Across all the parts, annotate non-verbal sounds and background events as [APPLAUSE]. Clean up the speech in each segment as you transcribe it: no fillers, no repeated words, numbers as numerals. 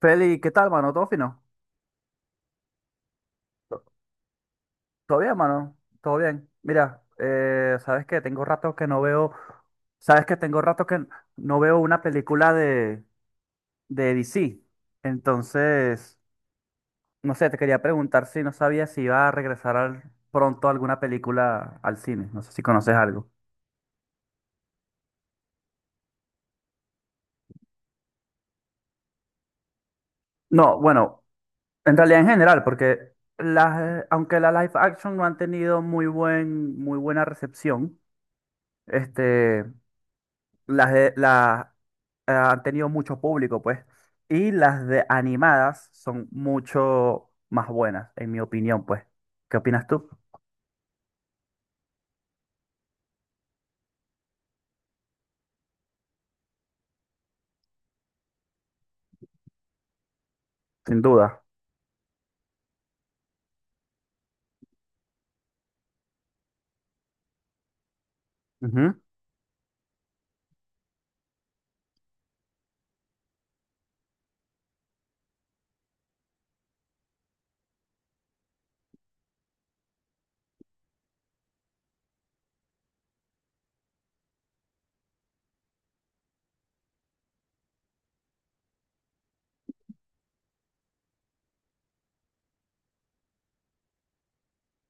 Feli, ¿qué tal, mano? ¿Todo fino? ¿Todo bien, mano? ¿Todo bien? Mira, ¿sabes qué? Tengo rato que no veo... ¿Sabes qué? Tengo rato que no veo una película de DC. Entonces, no sé, te quería preguntar si no sabía si iba a regresar al- pronto alguna película al cine. No sé si conoces algo. No, bueno, en realidad en general, porque las, aunque la live action no han tenido muy buena recepción, este, las han tenido mucho público, pues. Y las de animadas son mucho más buenas, en mi opinión, pues. ¿Qué opinas tú? Sin duda. Ujú.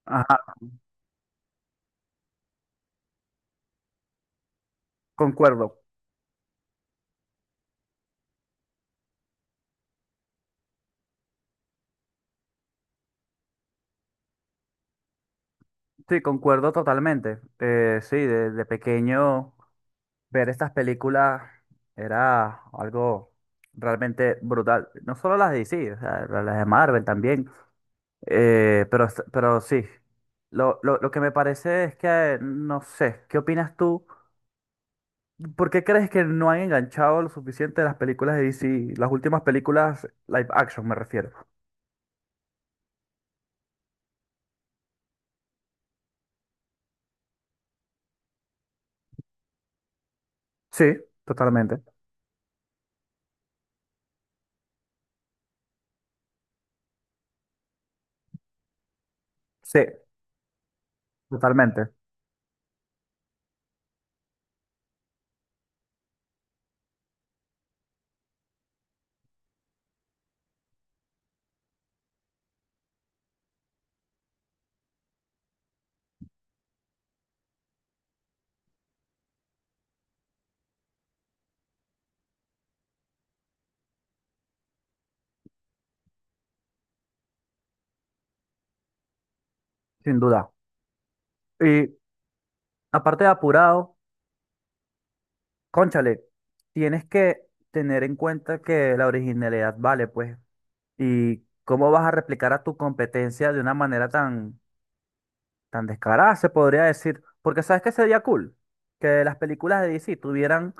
Ajá, concuerdo. Sí, concuerdo totalmente. Sí, de pequeño ver estas películas era algo realmente brutal. No solo las de DC, o sea, las de Marvel también. Pero sí, lo que me parece es que, no sé, ¿qué opinas tú? ¿Por qué crees que no han enganchado lo suficiente las películas de DC? Las últimas películas live action, me refiero. Sí, totalmente. Sí, totalmente, sin duda. Y aparte de apurado, cónchale, tienes que tener en cuenta que la originalidad vale, pues. ¿Y cómo vas a replicar a tu competencia de una manera tan, tan descarada, se podría decir? Porque sabes que sería cool que las películas de DC tuvieran,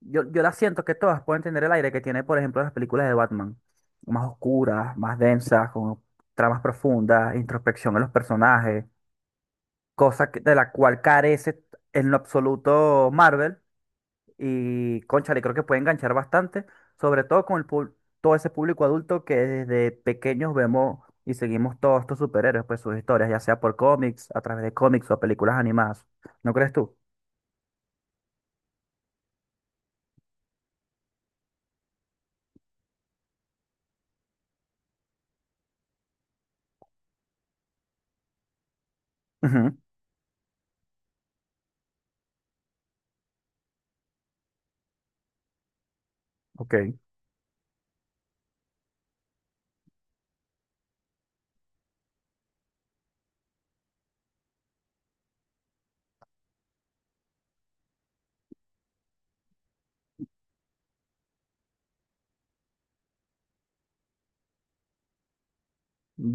yo las siento que todas pueden tener el aire que tiene, por ejemplo, las películas de Batman, más oscuras, más densas, con tramas profundas, introspección en los personajes, cosa que- de la cual carece en lo absoluto Marvel, y, cónchale, creo que puede enganchar bastante, sobre todo con el, pub- todo ese público adulto que desde pequeños vemos y seguimos todos estos superhéroes, pues sus historias, ya sea por cómics, a través de cómics o películas animadas. ¿No crees tú? Ujú, ok.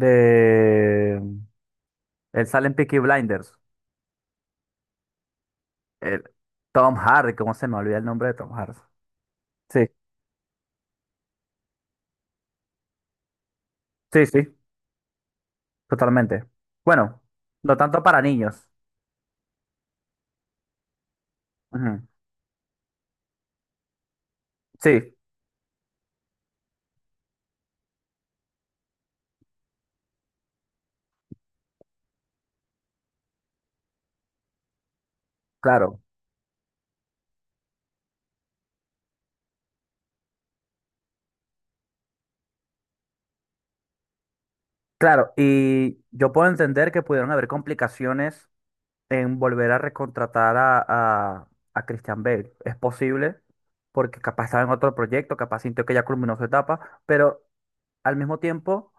De... Él sale en Peaky Blinders. El Tom Hardy, ¿cómo se me olvida el nombre de Tom Hardy? Sí, sí, sí. Totalmente. Bueno, no tanto para niños. Ujú. Sí, claro. Claro, y yo puedo entender que pudieron haber complicaciones en volver a recontratar a, a Christian Bale. Es posible, porque capaz estaba en otro proyecto, capaz sintió que ya culminó su etapa, pero al mismo tiempo,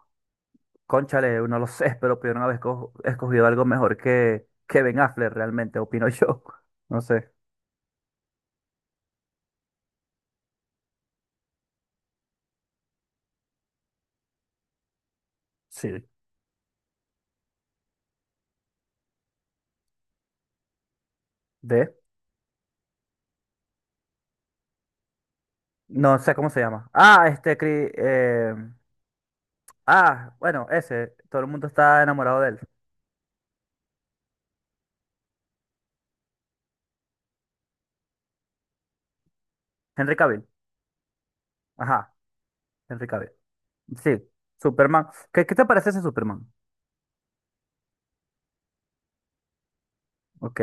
cónchale, no lo [LAUGHS] sé, pero pudieron haber esco- escogido algo mejor que Ben Affleck realmente, opino yo. [LAUGHS] No sé. Sí. ¿De? No sé cómo se llama. Ah, este, Cri- ah, bueno, ese, todo el mundo está enamorado de él. Henry Cavill. Ajá, Henry Cavill. Sí, Superman. ¿Qué, qué te parece ese Superman? Ok,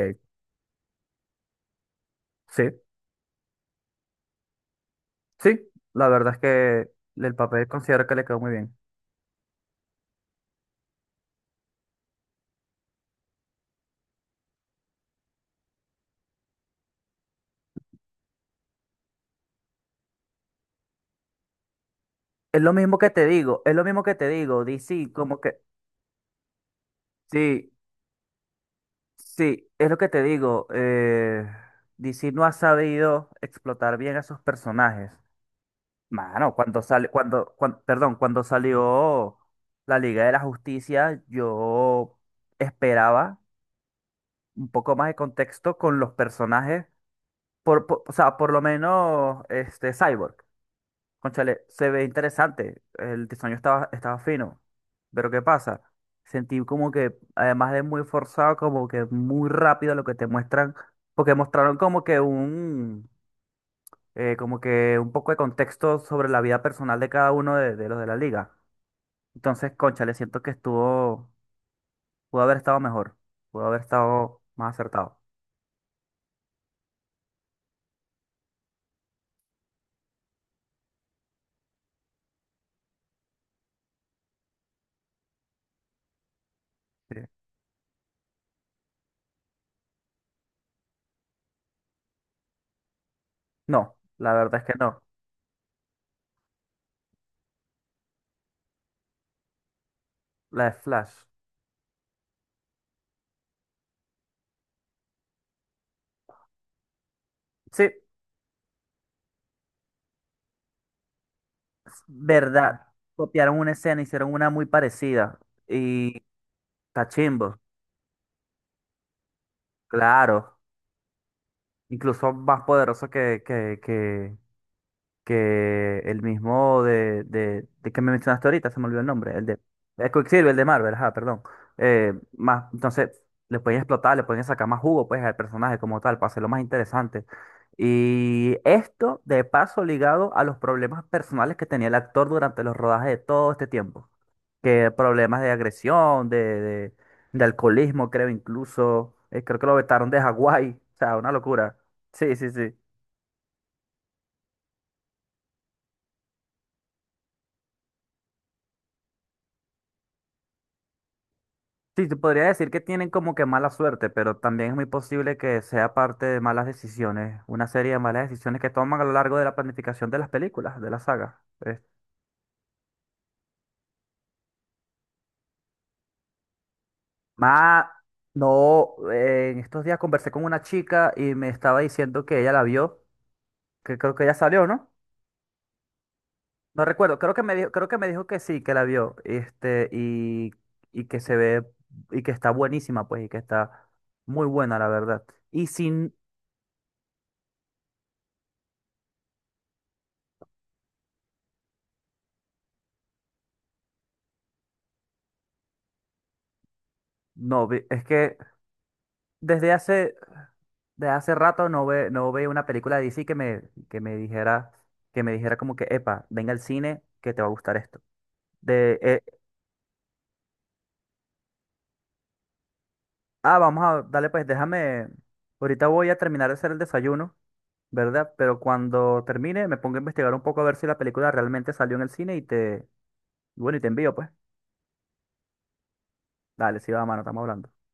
sí, sí, la verdad es que el papel considero que le quedó muy bien. Es lo mismo que te digo, es lo mismo que te digo, DC, como que... Sí, sí, es lo que te digo, DC no ha sabido explotar bien a sus personajes. Mano, cuando sale, cuando, cuan- perdón, cuando salió la Liga de la Justicia, yo esperaba un poco más de contexto con los personajes. Por- o sea, por lo menos este Cyborg. Cónchale, se ve interesante. El diseño estaba fino. Pero ¿qué pasa? Sentí como que, además de muy forzado, como que muy rápido lo que te muestran. Porque mostraron como que un poco de contexto sobre la vida personal de cada uno de los de la liga. Entonces, cónchale, siento que estuvo, pudo haber estado mejor. Pudo haber estado más acertado. Sí. No, la verdad es que no. La de Flash. Sí, es verdad, copiaron una escena, hicieron una muy parecida y está chimbo, claro, incluso más poderoso que el mismo de que me mencionaste ahorita, se me olvidó el nombre, el de el Quicksilver, el de Marvel, ajá, perdón. Entonces, le pueden explotar, le pueden sacar más jugo, pues, al personaje como tal, para hacerlo más interesante. Y esto, de paso, ligado a los problemas personales que tenía el actor durante los rodajes de todo este tiempo. Que problemas de agresión, de alcoholismo, creo incluso. Creo que lo vetaron de Hawái. O sea, una locura. Sí, sí, sí. Sí, te podría decir que tienen como que mala suerte, pero también es muy posible que sea parte de malas decisiones, una serie de malas decisiones que toman a lo largo de la planificación de las películas, de la saga. Más, no, en estos días conversé con una chica y me estaba diciendo que ella la vio, que creo que ya salió, ¿no? No recuerdo, creo que me dijo, creo que me dijo que sí, que la vio, este, y que se ve, y que está buenísima, pues, y que está muy buena, la verdad. Y sin, no, vi- es que desde hace, desde hace rato no ve, no veo una película de DC que me dijera, que me dijera como que, epa, venga al cine, que te va a gustar esto. De, ah, vamos a, dale, pues, déjame, ahorita voy a terminar de hacer el desayuno. ¿Verdad? Pero cuando termine me pongo a investigar un poco a ver si la película realmente salió en el cine y te, y bueno, y te envío, pues. Dale, sí, va, mano, estamos hablando.